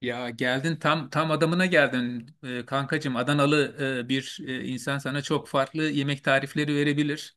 Ya geldin tam adamına geldin, kankacığım. Adanalı bir insan sana çok farklı yemek tarifleri verebilir.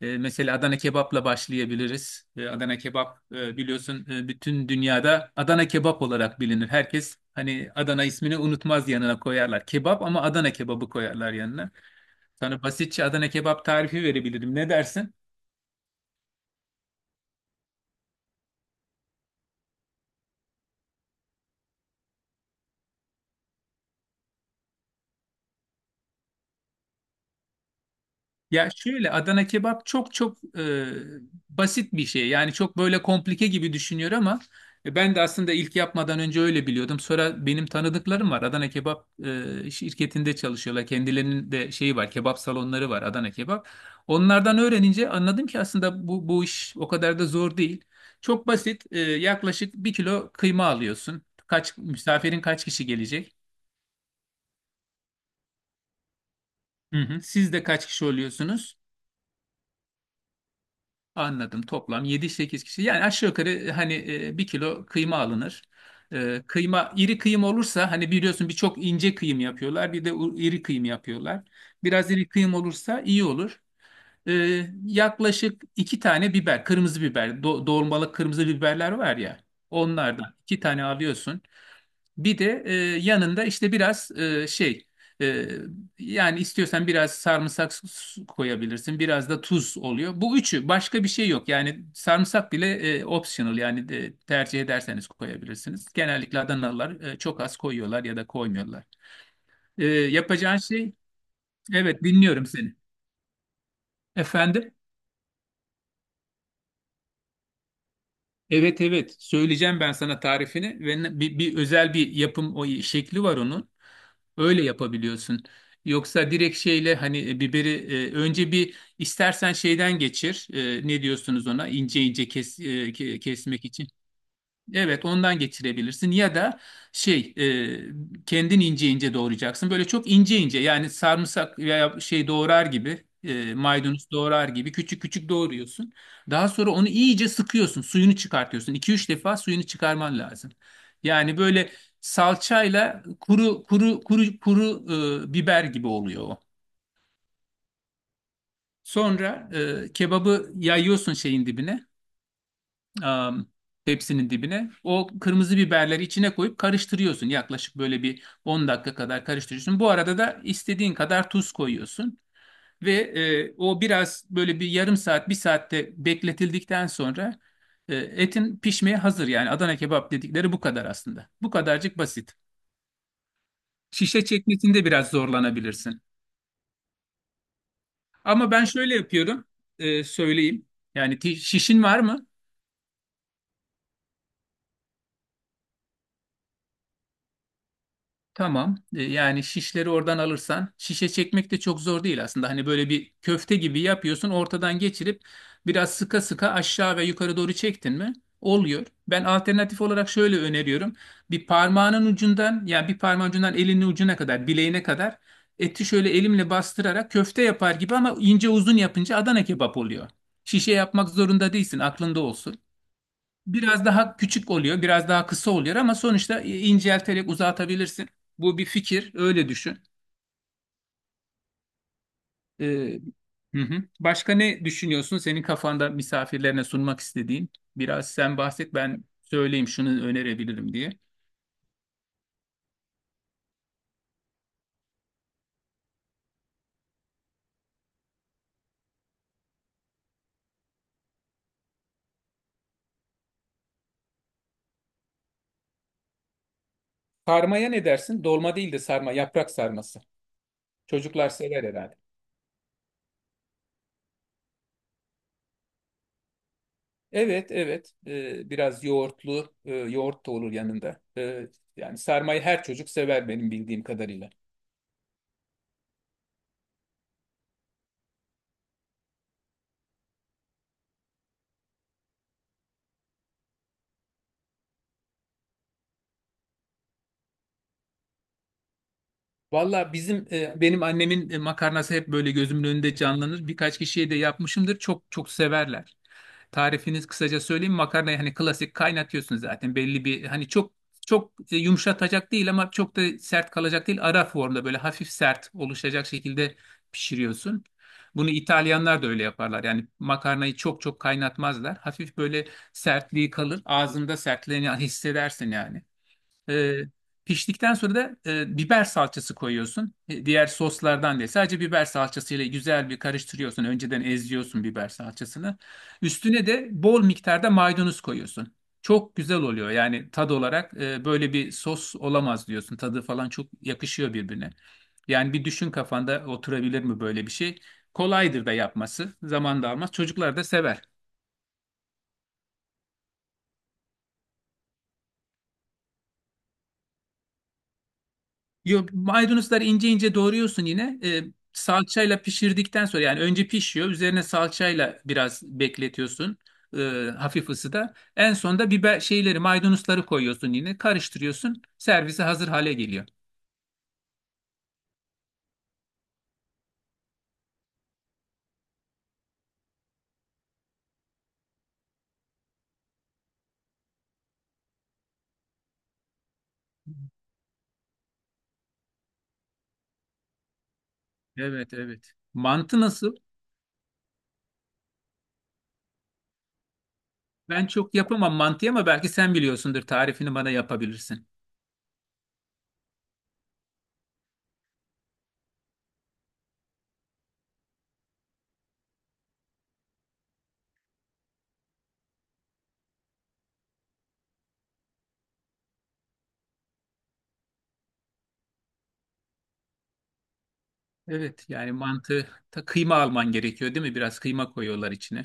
Mesela Adana kebapla başlayabiliriz. Adana kebap, biliyorsun, bütün dünyada Adana kebap olarak bilinir. Herkes hani Adana ismini unutmaz, yanına koyarlar. Kebap ama Adana kebabı koyarlar yanına. Sana basitçe Adana kebap tarifi verebilirim. Ne dersin? Ya şöyle Adana kebap çok çok basit bir şey. Yani çok böyle komplike gibi düşünüyor ama, ben de aslında ilk yapmadan önce öyle biliyordum. Sonra benim tanıdıklarım var. Adana kebap şirketinde çalışıyorlar. Kendilerinin de şeyi var. Kebap salonları var, Adana kebap. Onlardan öğrenince anladım ki aslında bu iş o kadar da zor değil. Çok basit. Yaklaşık bir kilo kıyma alıyorsun. Kaç misafirin, kaç kişi gelecek? Hı hı. Siz de kaç kişi oluyorsunuz? Anladım. Toplam yedi sekiz kişi. Yani aşağı yukarı, hani, bir kilo kıyma alınır. Kıyma iri kıyım olursa, hani biliyorsun, birçok ince kıyım yapıyorlar. Bir de iri kıyım yapıyorlar. Biraz iri kıyım olursa iyi olur. E, Yaklaşık iki tane biber, kırmızı biber, dolmalık kırmızı biberler var ya. Onlardan iki tane alıyorsun. Bir de yanında işte biraz şey e, yani istiyorsan biraz sarımsak koyabilirsin. Biraz da tuz oluyor. Bu üçü, başka bir şey yok. Yani sarımsak bile, optional, yani de, tercih ederseniz koyabilirsiniz. Genellikle Adanalılar, çok az koyuyorlar ya da koymuyorlar. Yapacağın şey. Evet, dinliyorum seni. Efendim? Evet, evet, söyleyeceğim ben sana tarifini, ve bir özel bir yapım o şekli var onun. Öyle yapabiliyorsun. Yoksa direkt şeyle, hani, biberi, önce bir istersen şeyden geçir. Ne diyorsunuz ona? İnce ince kes, kesmek için. Evet, ondan geçirebilirsin ya da şey, kendin ince ince doğrayacaksın. Böyle çok ince ince, yani sarımsak veya şey doğrar gibi, maydanoz doğrar gibi küçük küçük doğruyorsun. Daha sonra onu iyice sıkıyorsun, suyunu çıkartıyorsun. 2 üç defa suyunu çıkarman lazım. Yani böyle salçayla kuru kuru kuru kuru, biber gibi oluyor o. Sonra, kebabı yayıyorsun şeyin dibine. am, Tepsinin dibine. O kırmızı biberleri içine koyup karıştırıyorsun. Yaklaşık böyle bir 10 dakika kadar karıştırıyorsun. Bu arada da istediğin kadar tuz koyuyorsun. Ve o, biraz böyle bir yarım saat, bir saatte bekletildikten sonra, etin pişmeye hazır. Yani Adana kebap dedikleri bu kadar aslında. Bu kadarcık basit. Şişe çekmesinde biraz zorlanabilirsin. Ama ben şöyle yapıyorum, söyleyeyim. Yani şişin var mı? Tamam. Yani şişleri oradan alırsan, şişe çekmek de çok zor değil aslında. Hani böyle bir köfte gibi yapıyorsun, ortadan geçirip biraz sıka sıka aşağı ve yukarı doğru çektin mi? Oluyor. Ben alternatif olarak şöyle öneriyorum. Bir parmağının ucundan, yani bir parmağın ucundan elinin ucuna kadar, bileğine kadar eti şöyle elimle bastırarak köfte yapar gibi, ama ince uzun yapınca Adana kebap oluyor. Şişe yapmak zorunda değilsin, aklında olsun. Biraz daha küçük oluyor, biraz daha kısa oluyor, ama sonuçta incelterek uzatabilirsin. Bu bir fikir, öyle düşün. Ee, hı hı. Başka ne düşünüyorsun? Senin kafanda misafirlerine sunmak istediğin. Biraz sen bahset, ben söyleyeyim şunu önerebilirim diye. Sarmaya ne dersin? Dolma değil de sarma, yaprak sarması. Çocuklar sever herhalde. Evet, evet. Biraz yoğurtlu, yoğurt da olur yanında. Yani sarmayı her çocuk sever, benim bildiğim kadarıyla. Valla bizim, benim annemin, makarnası hep böyle gözümün önünde canlanır. Birkaç kişiye de yapmışımdır. Çok çok severler. Tarifiniz kısaca söyleyeyim. Makarnayı hani klasik kaynatıyorsun zaten. Belli bir, hani, çok çok, yumuşatacak değil ama çok da sert kalacak değil. Ara formda böyle hafif sert oluşacak şekilde pişiriyorsun. Bunu İtalyanlar da öyle yaparlar. Yani makarnayı çok çok kaynatmazlar. Hafif böyle sertliği kalır. Ağzında sertliğini hissedersin yani. E, Piştikten sonra da biber salçası koyuyorsun. Diğer soslardan değil. Sadece biber salçasıyla güzel bir karıştırıyorsun. Önceden eziyorsun biber salçasını. Üstüne de bol miktarda maydanoz koyuyorsun. Çok güzel oluyor. Yani tad olarak, böyle bir sos olamaz diyorsun. Tadı falan çok yakışıyor birbirine. Yani bir düşün, kafanda oturabilir mi böyle bir şey? Kolaydır da yapması. Zaman da almaz. Çocuklar da sever. Yo, maydanozları ince ince doğruyorsun yine. Salçayla pişirdikten sonra, yani önce pişiyor. Üzerine salçayla biraz bekletiyorsun. e, Hafif ısıda. En sonda biber şeyleri, maydanozları koyuyorsun yine. Karıştırıyorsun. Servise hazır hale geliyor. Evet, evet. Mantı nasıl? Ben çok yapamam mantıyı, ama belki sen biliyorsundur. Tarifini bana yapabilirsin. Evet, yani mantı ta kıyma alman gerekiyor değil mi? Biraz kıyma koyuyorlar içine.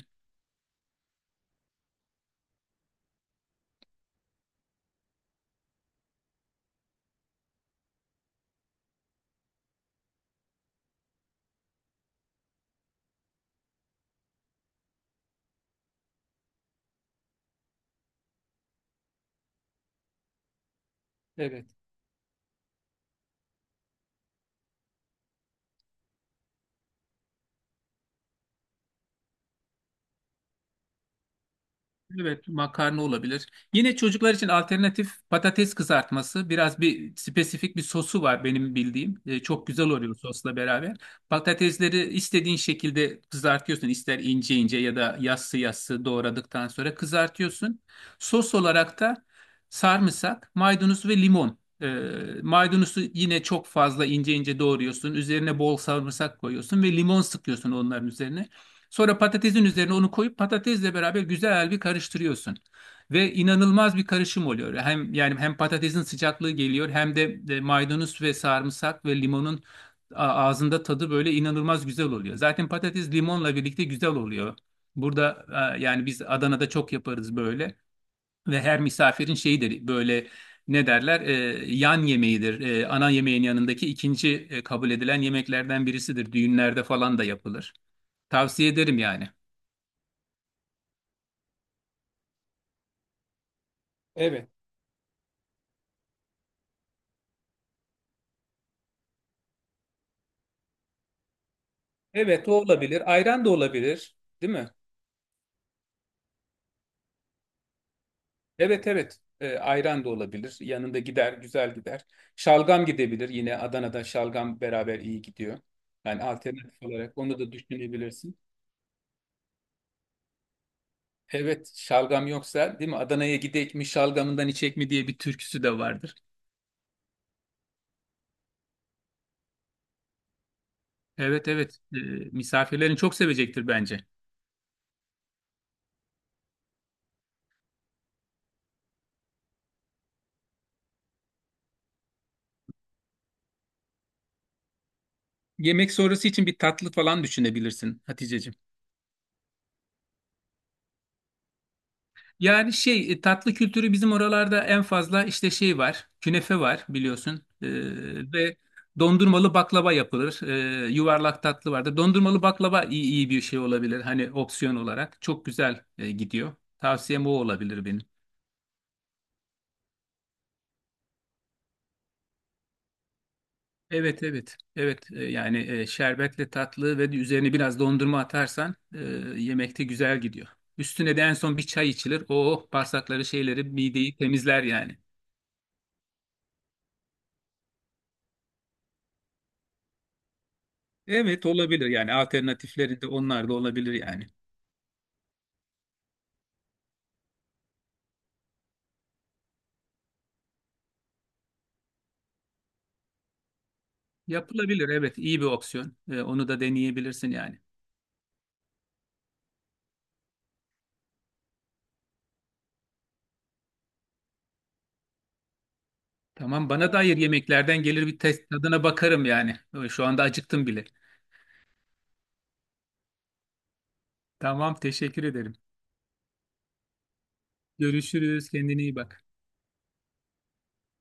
Evet. Evet, makarna olabilir. Yine çocuklar için alternatif patates kızartması. Biraz bir spesifik bir sosu var benim bildiğim. Çok güzel oluyor sosla beraber. Patatesleri istediğin şekilde kızartıyorsun. İster ince ince ya da yassı yassı doğradıktan sonra kızartıyorsun. Sos olarak da sarımsak, maydanoz ve limon. Maydanozu yine çok fazla ince ince doğruyorsun. Üzerine bol sarımsak koyuyorsun ve limon sıkıyorsun onların üzerine. Sonra patatesin üzerine onu koyup patatesle beraber güzel bir karıştırıyorsun. Ve inanılmaz bir karışım oluyor. Hem yani hem patatesin sıcaklığı geliyor, hem de maydanoz ve sarımsak ve limonun ağzında tadı böyle inanılmaz güzel oluyor. Zaten patates limonla birlikte güzel oluyor. Burada, yani biz Adana'da çok yaparız böyle. Ve her misafirin şeyidir böyle, ne derler, yan yemeğidir. Ana yemeğin yanındaki ikinci, kabul edilen yemeklerden birisidir. Düğünlerde falan da yapılır. Tavsiye ederim yani. Evet. Evet, o olabilir. Ayran da olabilir, değil mi? Evet, evet. Ayran da olabilir. Yanında gider, güzel gider. Şalgam gidebilir. Yine Adana'da şalgam beraber iyi gidiyor. Yani alternatif olarak onu da düşünebilirsin. Evet, şalgam yoksa, değil mi? Adana'ya gidek mi, şalgamından içek mi diye bir türküsü de vardır. Evet, evet. Misafirlerin çok sevecektir bence. Yemek sonrası için bir tatlı falan düşünebilirsin, Haticeciğim. Yani şey, tatlı kültürü bizim oralarda en fazla, işte şey var, künefe var, biliyorsun. Ve dondurmalı baklava yapılır. Yuvarlak tatlı vardır. Dondurmalı baklava, iyi bir şey olabilir, hani opsiyon olarak çok güzel gidiyor. Tavsiyem o olabilir benim. Evet, evet, evet. Yani, şerbetle tatlı, ve üzerine biraz dondurma atarsan, yemekte güzel gidiyor. Üstüne de en son bir çay içilir. Oh, bağırsakları şeyleri, mideyi temizler yani. Evet, olabilir yani, alternatifleri de, onlar da olabilir yani. Yapılabilir, evet, iyi bir opsiyon. Onu da deneyebilirsin yani. Tamam, bana dair yemeklerden gelir bir test, tadına bakarım yani. Şu anda acıktım bile. Tamam, teşekkür ederim. Görüşürüz, kendine iyi bak.